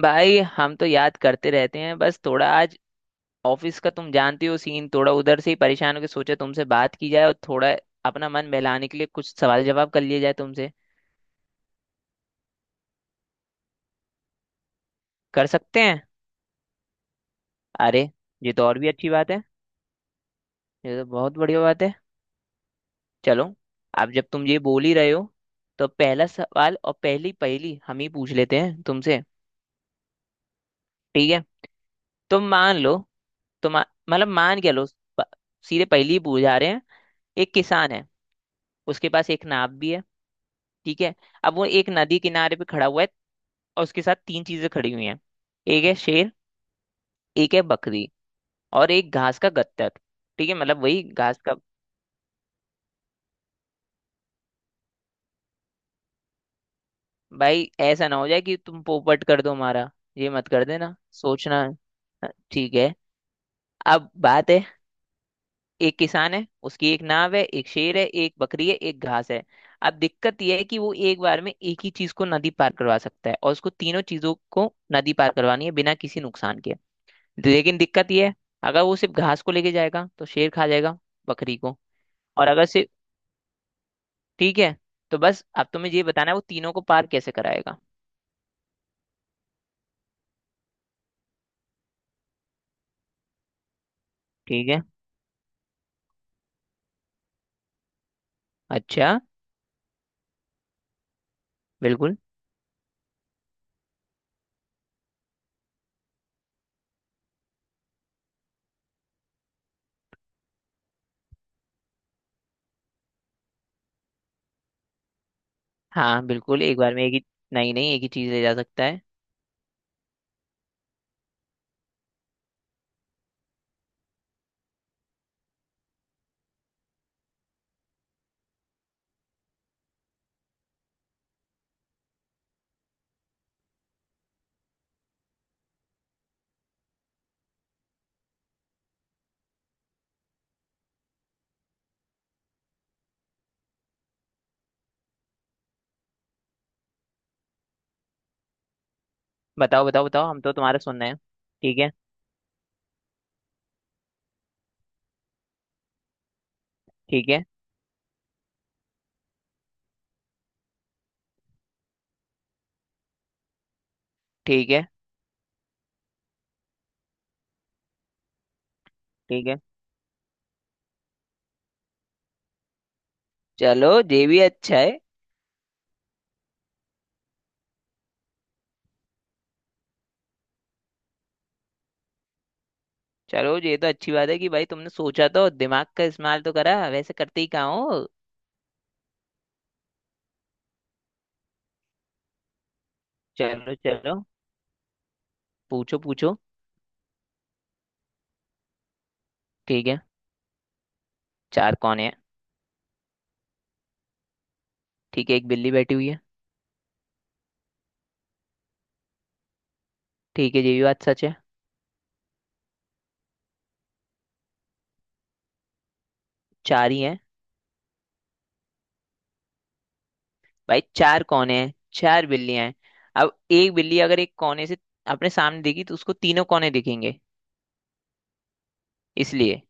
भाई हम तो याद करते रहते हैं। बस थोड़ा आज ऑफिस का तुम जानते हो सीन, थोड़ा उधर से ही परेशान होकर सोचा तुमसे बात की जाए, और थोड़ा अपना मन बहलाने के लिए कुछ सवाल जवाब कर लिए जाए तुमसे। कर सकते हैं। अरे, ये तो और भी अच्छी बात है। ये तो बहुत बढ़िया बात है। चलो। अब जब तुम ये बोल ही रहे हो, तो पहला सवाल और पहली पहेली हम ही पूछ लेते हैं तुमसे। ठीक है। तुम मान लो। तुम मतलब मान क्या लो। प- सीधे पहली ही पूछ जा रहे हैं। एक किसान है, उसके पास एक नाव भी है। ठीक है। अब वो एक नदी किनारे पे खड़ा हुआ है, और उसके साथ तीन चीजें खड़ी हुई हैं। एक है शेर, एक है बकरी, और एक घास का गट्ठर। ठीक है, मतलब वही घास का। भाई ऐसा ना हो जाए कि तुम पोपट कर दो हमारा। ये मत कर देना, सोचना। ठीक है। अब बात है, एक किसान है, उसकी एक नाव है, एक शेर है, एक बकरी है, एक घास है। अब दिक्कत यह है कि वो एक बार में एक ही चीज को नदी पार करवा सकता है, और उसको तीनों चीजों को नदी पार करवानी है बिना किसी नुकसान के। लेकिन दिक्कत ये है, अगर वो सिर्फ घास को लेके जाएगा तो शेर खा जाएगा बकरी को। और अगर सिर्फ, ठीक है, तो बस अब तुम्हें ये बताना है वो तीनों को पार कैसे कराएगा। ठीक है। अच्छा। बिल्कुल। हाँ बिल्कुल, एक बार में एक ही। नहीं नहीं, एक ही चीज ले जा सकता है। बताओ बताओ बताओ, हम तो तुम्हारा सुन रहे हैं। ठीक है। ठीक है। ठीक है। ठीक है। चलो, ये भी अच्छा है। चलो, ये तो अच्छी बात है कि भाई तुमने सोचा, तो दिमाग का इस्तेमाल तो करा, वैसे करते ही कहाँ हो। चलो चलो। पूछो पूछो। ठीक है। चार कौन है। ठीक है, एक बिल्ली बैठी हुई है। ठीक है, ये भी बात सच है। चार ही हैं। भाई चार कोने हैं, चार बिल्लियां हैं। अब एक बिल्ली अगर एक कोने से अपने सामने दिखी, तो उसको तीनों कोने दिखेंगे। इसलिए।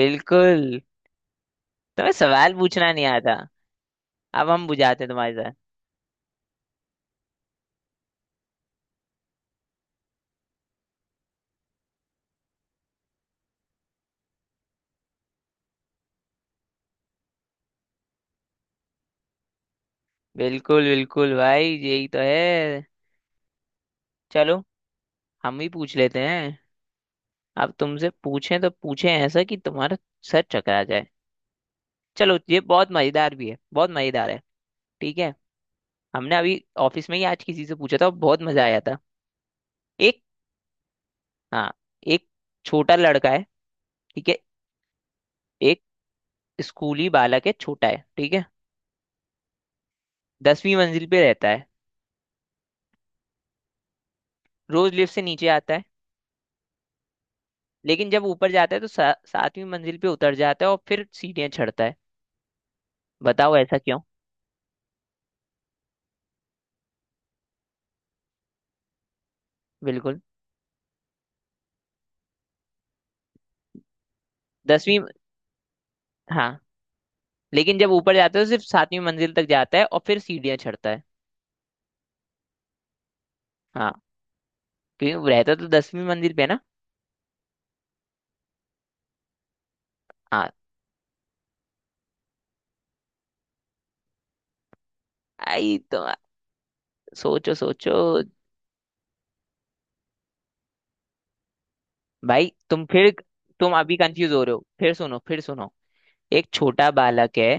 बिल्कुल। तुम्हें सवाल पूछना नहीं आता। अब हम बुझाते हैं तुम्हारे साथ। बिल्कुल बिल्कुल भाई, यही तो है। चलो, हम ही पूछ लेते हैं। अब तुमसे पूछें तो पूछें ऐसा कि तुम्हारा सर चकरा जाए। चलो, ये बहुत मजेदार भी है, बहुत मजेदार है। ठीक है। हमने अभी ऑफिस में ही आज किसी से पूछा था, बहुत मजा आया था। एक। हाँ। एक छोटा लड़का है। ठीक है। एक स्कूली बालक है, छोटा है। ठीक है। 10वीं मंजिल पे रहता है। रोज लिफ्ट से नीचे आता है। लेकिन जब ऊपर जाता है तो 7वीं मंजिल पे उतर जाता है और फिर सीढ़ियां चढ़ता है। बताओ ऐसा क्यों। बिल्कुल। दसवीं। हाँ। लेकिन जब ऊपर जाता है तो सिर्फ 7वीं मंजिल तक जाता है और फिर सीढ़ियां चढ़ता है। हाँ। क्योंकि वो रहता तो 10वीं मंजिल पे है ना। हाँ। आई तो। सोचो सोचो। भाई तुम फिर, तुम अभी कंफ्यूज हो रहे हो, फिर सुनो फिर सुनो। एक छोटा बालक है,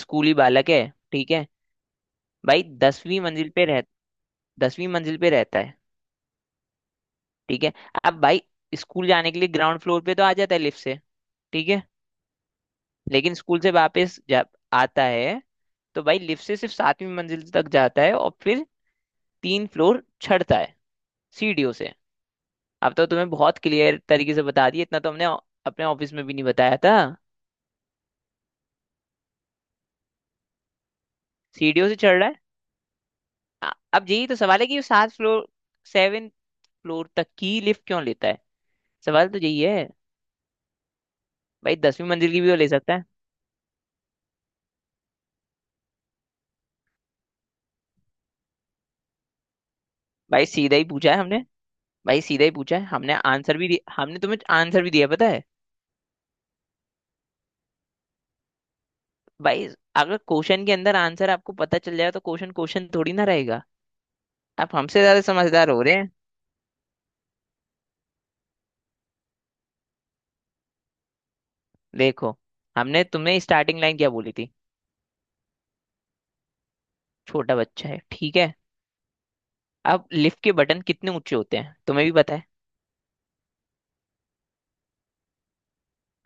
स्कूली बालक है। ठीक है। भाई 10वीं मंजिल पे रह, 10वीं मंजिल पे रहता है। ठीक है। अब भाई, स्कूल जाने के लिए ग्राउंड फ्लोर पे तो आ जाता है लिफ्ट से। ठीक है। लेकिन स्कूल से वापस जब आता है, तो भाई लिफ्ट से सिर्फ 7वीं मंजिल तक जाता है, और फिर 3 फ्लोर चढ़ता है सीढ़ियों से। अब तो तुम्हें बहुत क्लियर तरीके से बता दिया, इतना तो हमने अपने ऑफिस में भी नहीं बताया था। सीढ़ियों से चढ़ रहा है। अब यही तो सवाल है कि वो 7 फ्लोर, 7 फ्लोर तक की लिफ्ट क्यों लेता है। सवाल तो यही है। भाई दसवीं मंजिल की भी तो ले सकता है। भाई सीधा ही पूछा है हमने। भाई सीधा ही पूछा है हमने, आंसर भी दिया, हमने तुम्हें आंसर भी दिया पता है। भाई, अगर क्वेश्चन के अंदर आंसर आपको पता चल जाए, तो क्वेश्चन क्वेश्चन थोड़ी ना रहेगा। आप हमसे ज्यादा समझदार हो रहे हैं। देखो, हमने तुमने स्टार्टिंग लाइन क्या बोली थी। छोटा बच्चा है, ठीक है, अब लिफ्ट के बटन कितने ऊंचे होते हैं तुम्हें भी पता है।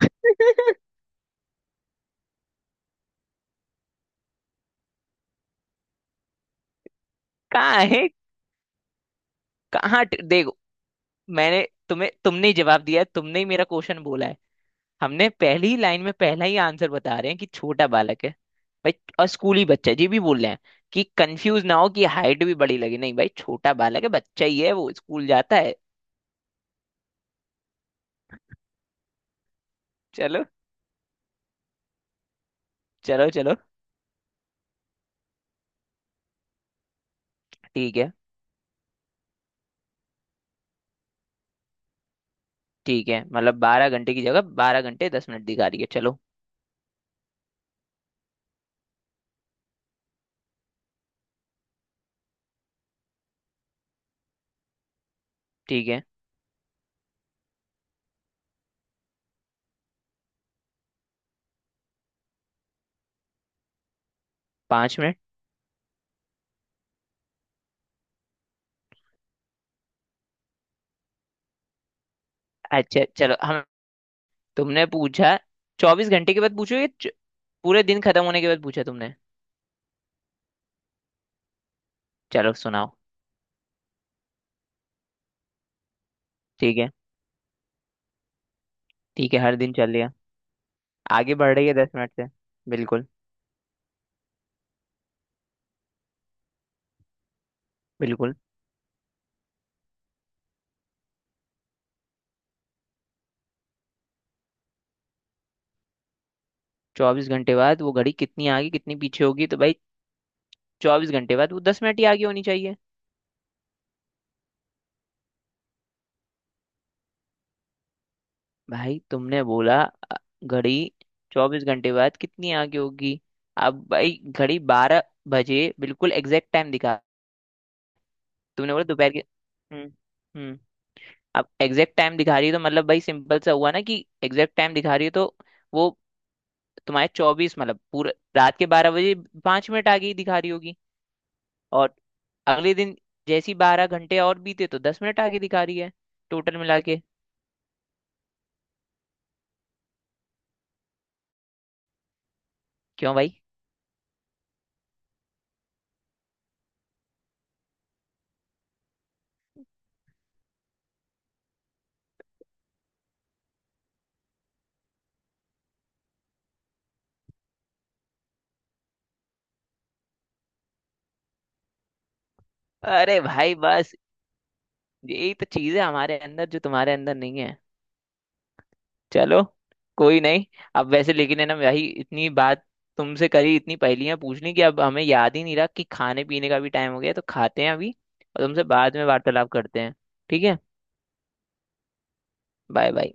कहाँ है। कहाँ देखो, मैंने तुम्हें, तुमने ही जवाब दिया है, तुमने ही मेरा क्वेश्चन बोला है। हमने पहली लाइन में पहला ही आंसर बता रहे हैं कि छोटा बालक है भाई, और स्कूली बच्चा है, ये भी बोल रहे हैं, कि कंफ्यूज ना हो कि हाइट भी बड़ी लगे, नहीं भाई छोटा बालक है, बच्चा ही है, वो स्कूल जाता है। चलो। चलो चलो। ठीक है। ठीक है, मतलब 12 घंटे की जगह 12 घंटे 10 मिनट दिखा रही है। चलो ठीक है। 5 मिनट। अच्छा चलो हम, तुमने पूछा, 24 घंटे के बाद पूछो या पूरे दिन खत्म होने के बाद पूछा तुमने। चलो सुनाओ। ठीक है। ठीक है, हर दिन चल लिया। आगे बढ़ रही है 10 मिनट से। बिल्कुल। बिल्कुल। 24 घंटे बाद वो घड़ी कितनी आगे कितनी पीछे होगी, तो भाई 24 घंटे बाद वो 10 मिनट ही आगे होनी चाहिए। भाई तुमने बोला, घड़ी 24 घंटे बाद कितनी आगे होगी। अब भाई घड़ी 12 बजे बिल्कुल एग्जैक्ट टाइम दिखा। तुमने बोला दोपहर के। हम्म हम्म अब एग्जैक्ट टाइम दिखा रही है, तो मतलब भाई सिंपल सा हुआ ना, कि एग्जैक्ट टाइम दिखा रही है तो वो तुम्हारे चौबीस मतलब पूरा रात के 12 बजे 5 मिनट आगे ही दिखा रही होगी। और अगले दिन जैसी 12 घंटे और बीते, तो 10 मिनट आगे दिखा रही है, टोटल मिला के। क्यों भाई। अरे भाई बस, यही तो चीज है हमारे अंदर जो तुम्हारे अंदर नहीं है। चलो, कोई नहीं। अब वैसे लेकिन है ना भाई, इतनी बात तुमसे करी, इतनी पहेलियां पूछ ली कि अब हमें याद ही नहीं रहा कि खाने पीने का भी टाइम हो गया, तो खाते हैं अभी, और तुमसे बाद में वार्तालाप करते हैं। ठीक है। Bye bye.